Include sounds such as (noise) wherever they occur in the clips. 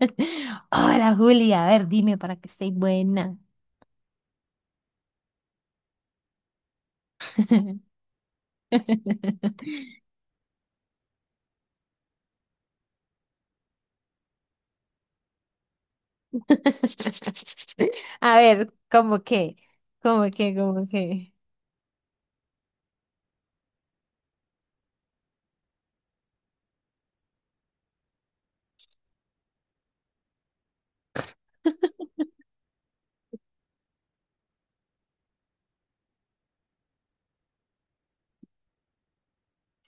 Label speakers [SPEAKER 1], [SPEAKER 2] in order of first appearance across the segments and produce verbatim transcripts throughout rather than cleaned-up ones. [SPEAKER 1] (laughs) Hola Julia, a ver, dime para que esté buena. (laughs) A ver, ¿cómo qué? ¿Cómo qué? ¿Cómo qué?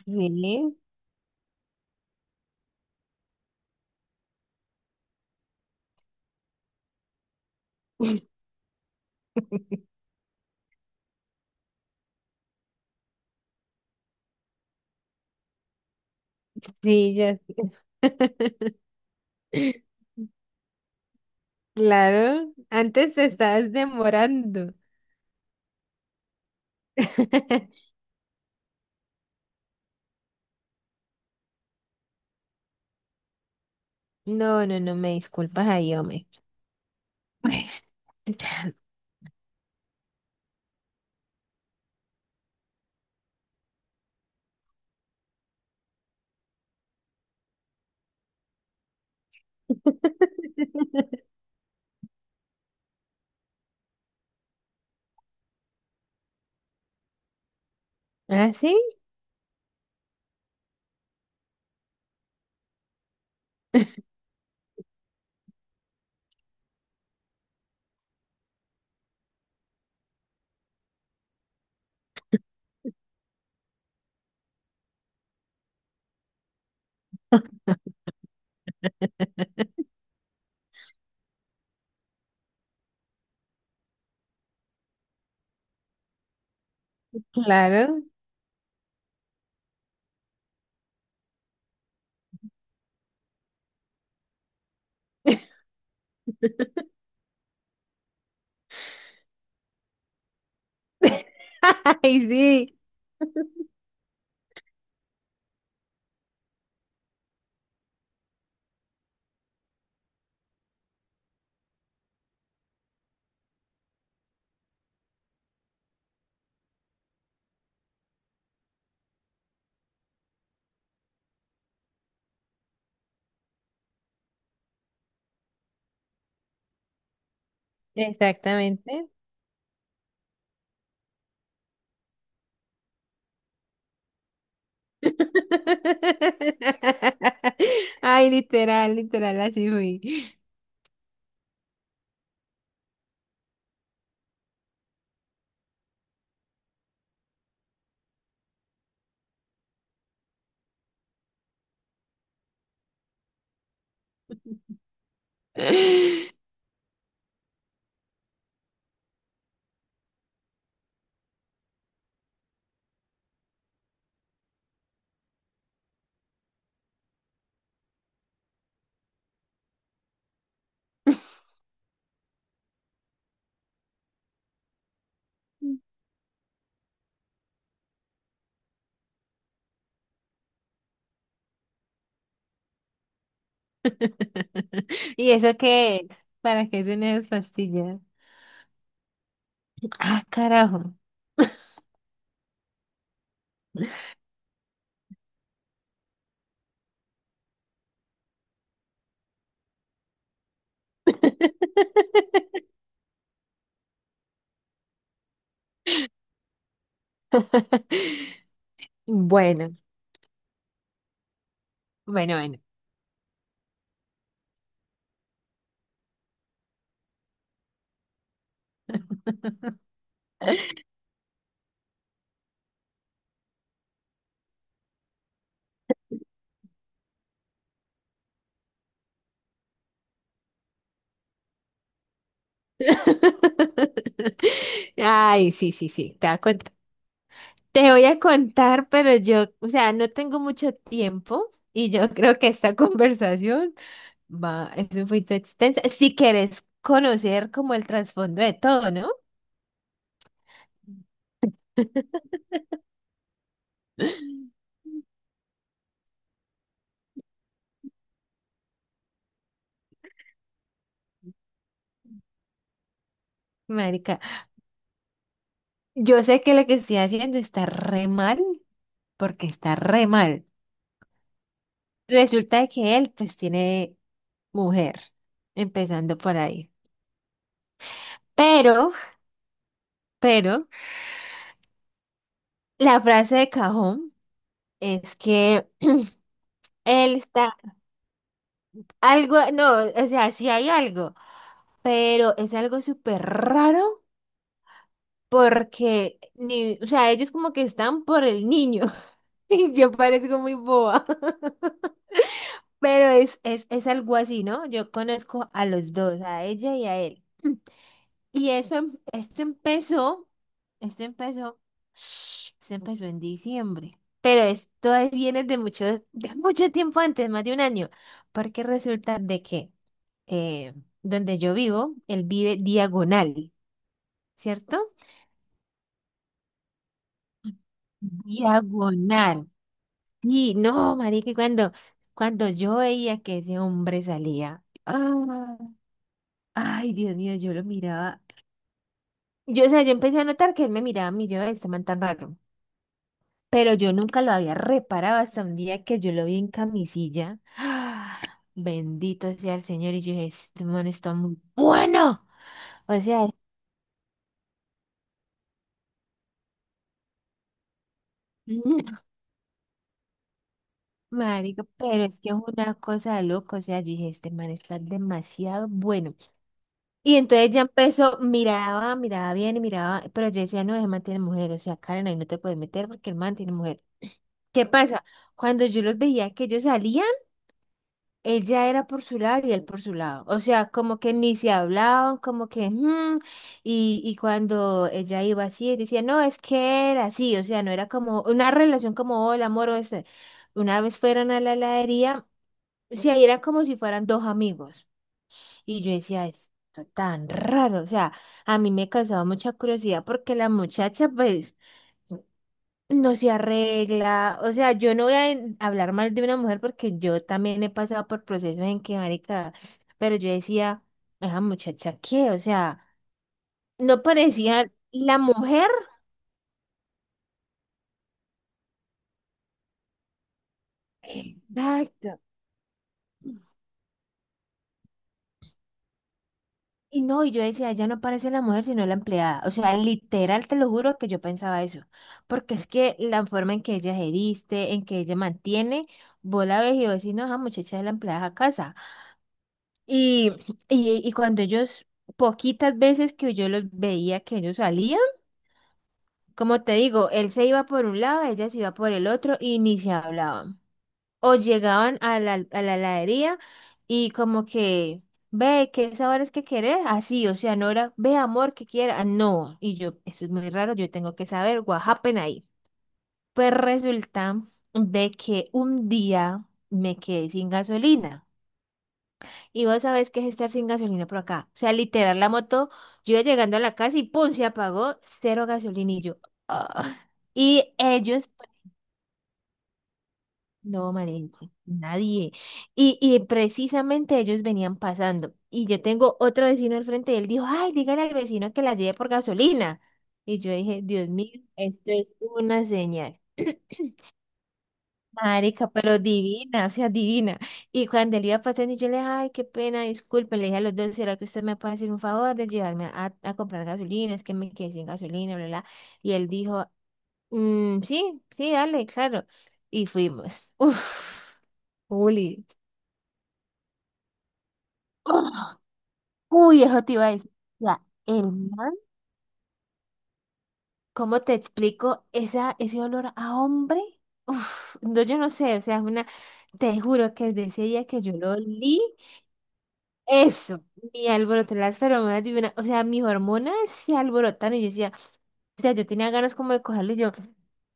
[SPEAKER 1] Sí, (laughs) sí, ya sé. (laughs) Claro, antes te estabas demorando. (laughs) No, no, no, me disculpas ahí, hombre. Pues. (laughs) ¿Ah, sí? (laughs) Claro. (laughs) Ay, sí. Exactamente. (laughs) Ay, literal, literal, así fui. (laughs) ¿Y eso qué es? ¿Para qué son esas pastillas? Ah, carajo. (laughs) Bueno, bueno, bueno. (laughs) Ay, sí, sí, sí, te voy a contar. Te voy a contar, pero yo, o sea, no tengo mucho tiempo y yo creo que esta (laughs) conversación va, es un poquito extensa. Si quieres conocer como el trasfondo de todo, ¿no? (laughs) Marica, yo sé que lo que estoy haciendo está re mal, porque está re mal. Resulta de que él pues tiene mujer, empezando por ahí. Pero, pero, la frase de cajón es que él está algo, no, o sea, sí hay algo, pero es algo súper raro porque, ni, o sea, ellos como que están por el niño. (laughs) Yo parezco muy boba, (laughs) pero es, es, es algo así, ¿no? Yo conozco a los dos, a ella y a él. (clears throat) Y eso, em- esto empezó, esto empezó, (sniffs) esto empezó en diciembre, pero esto es- viene de mucho, de mucho tiempo antes, más de un año, porque resulta de que eh, donde yo vivo, él vive diagonal, ¿cierto? Diagonal. Sí, no, marica, y cuando, cuando yo veía que ese hombre salía, ah, ay, Dios mío, yo lo miraba. Yo, o sea, yo empecé a notar que él me miraba a mí, yo, este man tan raro. Pero yo nunca lo había reparado hasta un día que yo lo vi en camisilla. Ah, bendito sea el Señor. Y yo dije, este man está muy bueno. O sea, (laughs) mm, marica, pero es que es una cosa de loco. O sea, yo dije, este man está demasiado bueno. Y entonces ya empezó, miraba, miraba bien y miraba, pero yo decía, no, ese man tiene mujer, o sea, Karen, ahí no te puedes meter porque el man tiene mujer. ¿Qué pasa? Cuando yo los veía que ellos salían, ella era por su lado y él por su lado. O sea, como que ni se hablaban, como que, "Mm", y, y cuando ella iba así, él decía, no, es que era así, o sea, no era como una relación como, hola, amor, o este. Una vez fueron a la heladería, o sea, y era como si fueran dos amigos. Y yo decía, esto tan raro, o sea, a mí me causaba mucha curiosidad porque la muchacha, pues, no se arregla, o sea, yo no voy a en- hablar mal de una mujer porque yo también he pasado por procesos en que, marica, pero yo decía, esa muchacha, ¿qué? O sea, no parecía la mujer. Exacto. Y no, y yo decía, ya no parece la mujer, sino la empleada. O sea, literal, te lo juro que yo pensaba eso. Porque es que la forma en que ella se viste, en que ella mantiene, vos la ves y vos decís, no, esa muchacha es la empleada a casa. Y, (clears throat) y, y cuando ellos, poquitas veces que yo los veía que ellos salían, como te digo, él se iba por un lado, ella se iba por el otro y ni se hablaban. O llegaban a la, a la heladería y como que, ve, ¿qué sabores que querés? Así, o sea, no era, ve, amor, que quiera. No, y yo, eso es muy raro, yo tengo que saber, what happened ahí. Pues resulta de que un día me quedé sin gasolina. Y vos sabés qué es estar sin gasolina por acá. O sea, literal, la moto, yo iba llegando a la casa y ¡pum! Se apagó, cero gasolina y yo. Ah. Y ellos. No, Marense, nadie. Y, y precisamente ellos venían pasando. Y yo tengo otro vecino al frente y él dijo, ay, dígale al vecino que la lleve por gasolina. Y yo dije, Dios mío, esto es una señal. Marica, pero divina, o sea, divina. Y cuando él iba pasando, y yo le dije, ay, qué pena, disculpe, le dije a los dos, ¿será que usted me puede hacer un favor de llevarme a, a comprar gasolina? Es que me quedé sin gasolina, bla, bla. Y él dijo, "Mm, sí, sí, dale, claro". Y fuimos. (laughs) Uf, Juli. ¡Oh! Uy, eso te iba a decir. O sea, el man, ¿cómo te explico esa, ese olor a hombre? Uf, no, yo no sé, o sea, es una, te juro que desde ese día que yo lo olí, eso, mi alboroté las feromonas de una, o sea, mis hormonas se alborotaron y yo decía, o sea, yo tenía ganas como de cogerlo y yo,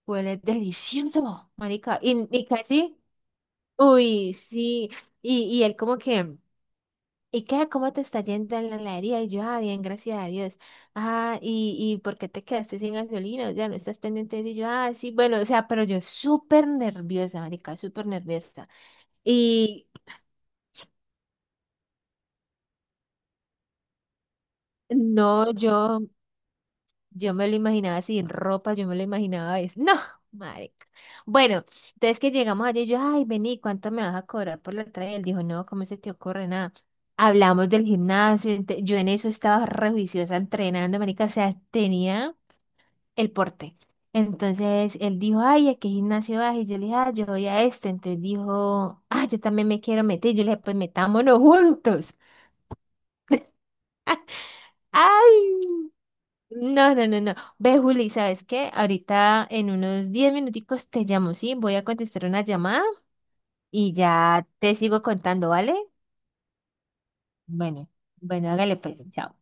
[SPEAKER 1] huele delicioso, marica, y, y casi, uy, sí, y, y él como que... ¿Y qué? ¿Cómo te está yendo en la heladería? Y yo, ah, bien, gracias a Dios. Ah, ¿y, y por qué te quedaste sin gasolina? Ya no estás pendiente de eso. Y yo, ah, sí, bueno, o sea, pero yo súper nerviosa, marica, súper nerviosa. Y no, yo, yo me lo imaginaba sin ropa, yo me lo imaginaba, es, (laughs) no, marica. Bueno, entonces que llegamos allí, yo, ay, vení, ¿cuánto me vas a cobrar por la entrada? Y él dijo, no, ¿cómo se te ocurre nada? Hablamos del gimnasio, ente- yo en eso estaba re juiciosa entrenando, marica, o sea, tenía... el porte. Entonces él dijo, ay, ¿a qué gimnasio vas? Y yo le dije, ah, yo voy a este. Entonces dijo, ah, yo también me quiero meter. Yo le dije, pues metámonos juntos. (laughs) ¡Ay! No, no, no, no. Ve, Juli, ¿sabes qué? Ahorita en unos diez minuticos te llamo, ¿sí? Voy a contestar una llamada y ya te sigo contando, ¿vale? Bueno, bueno, hágale pues, chao.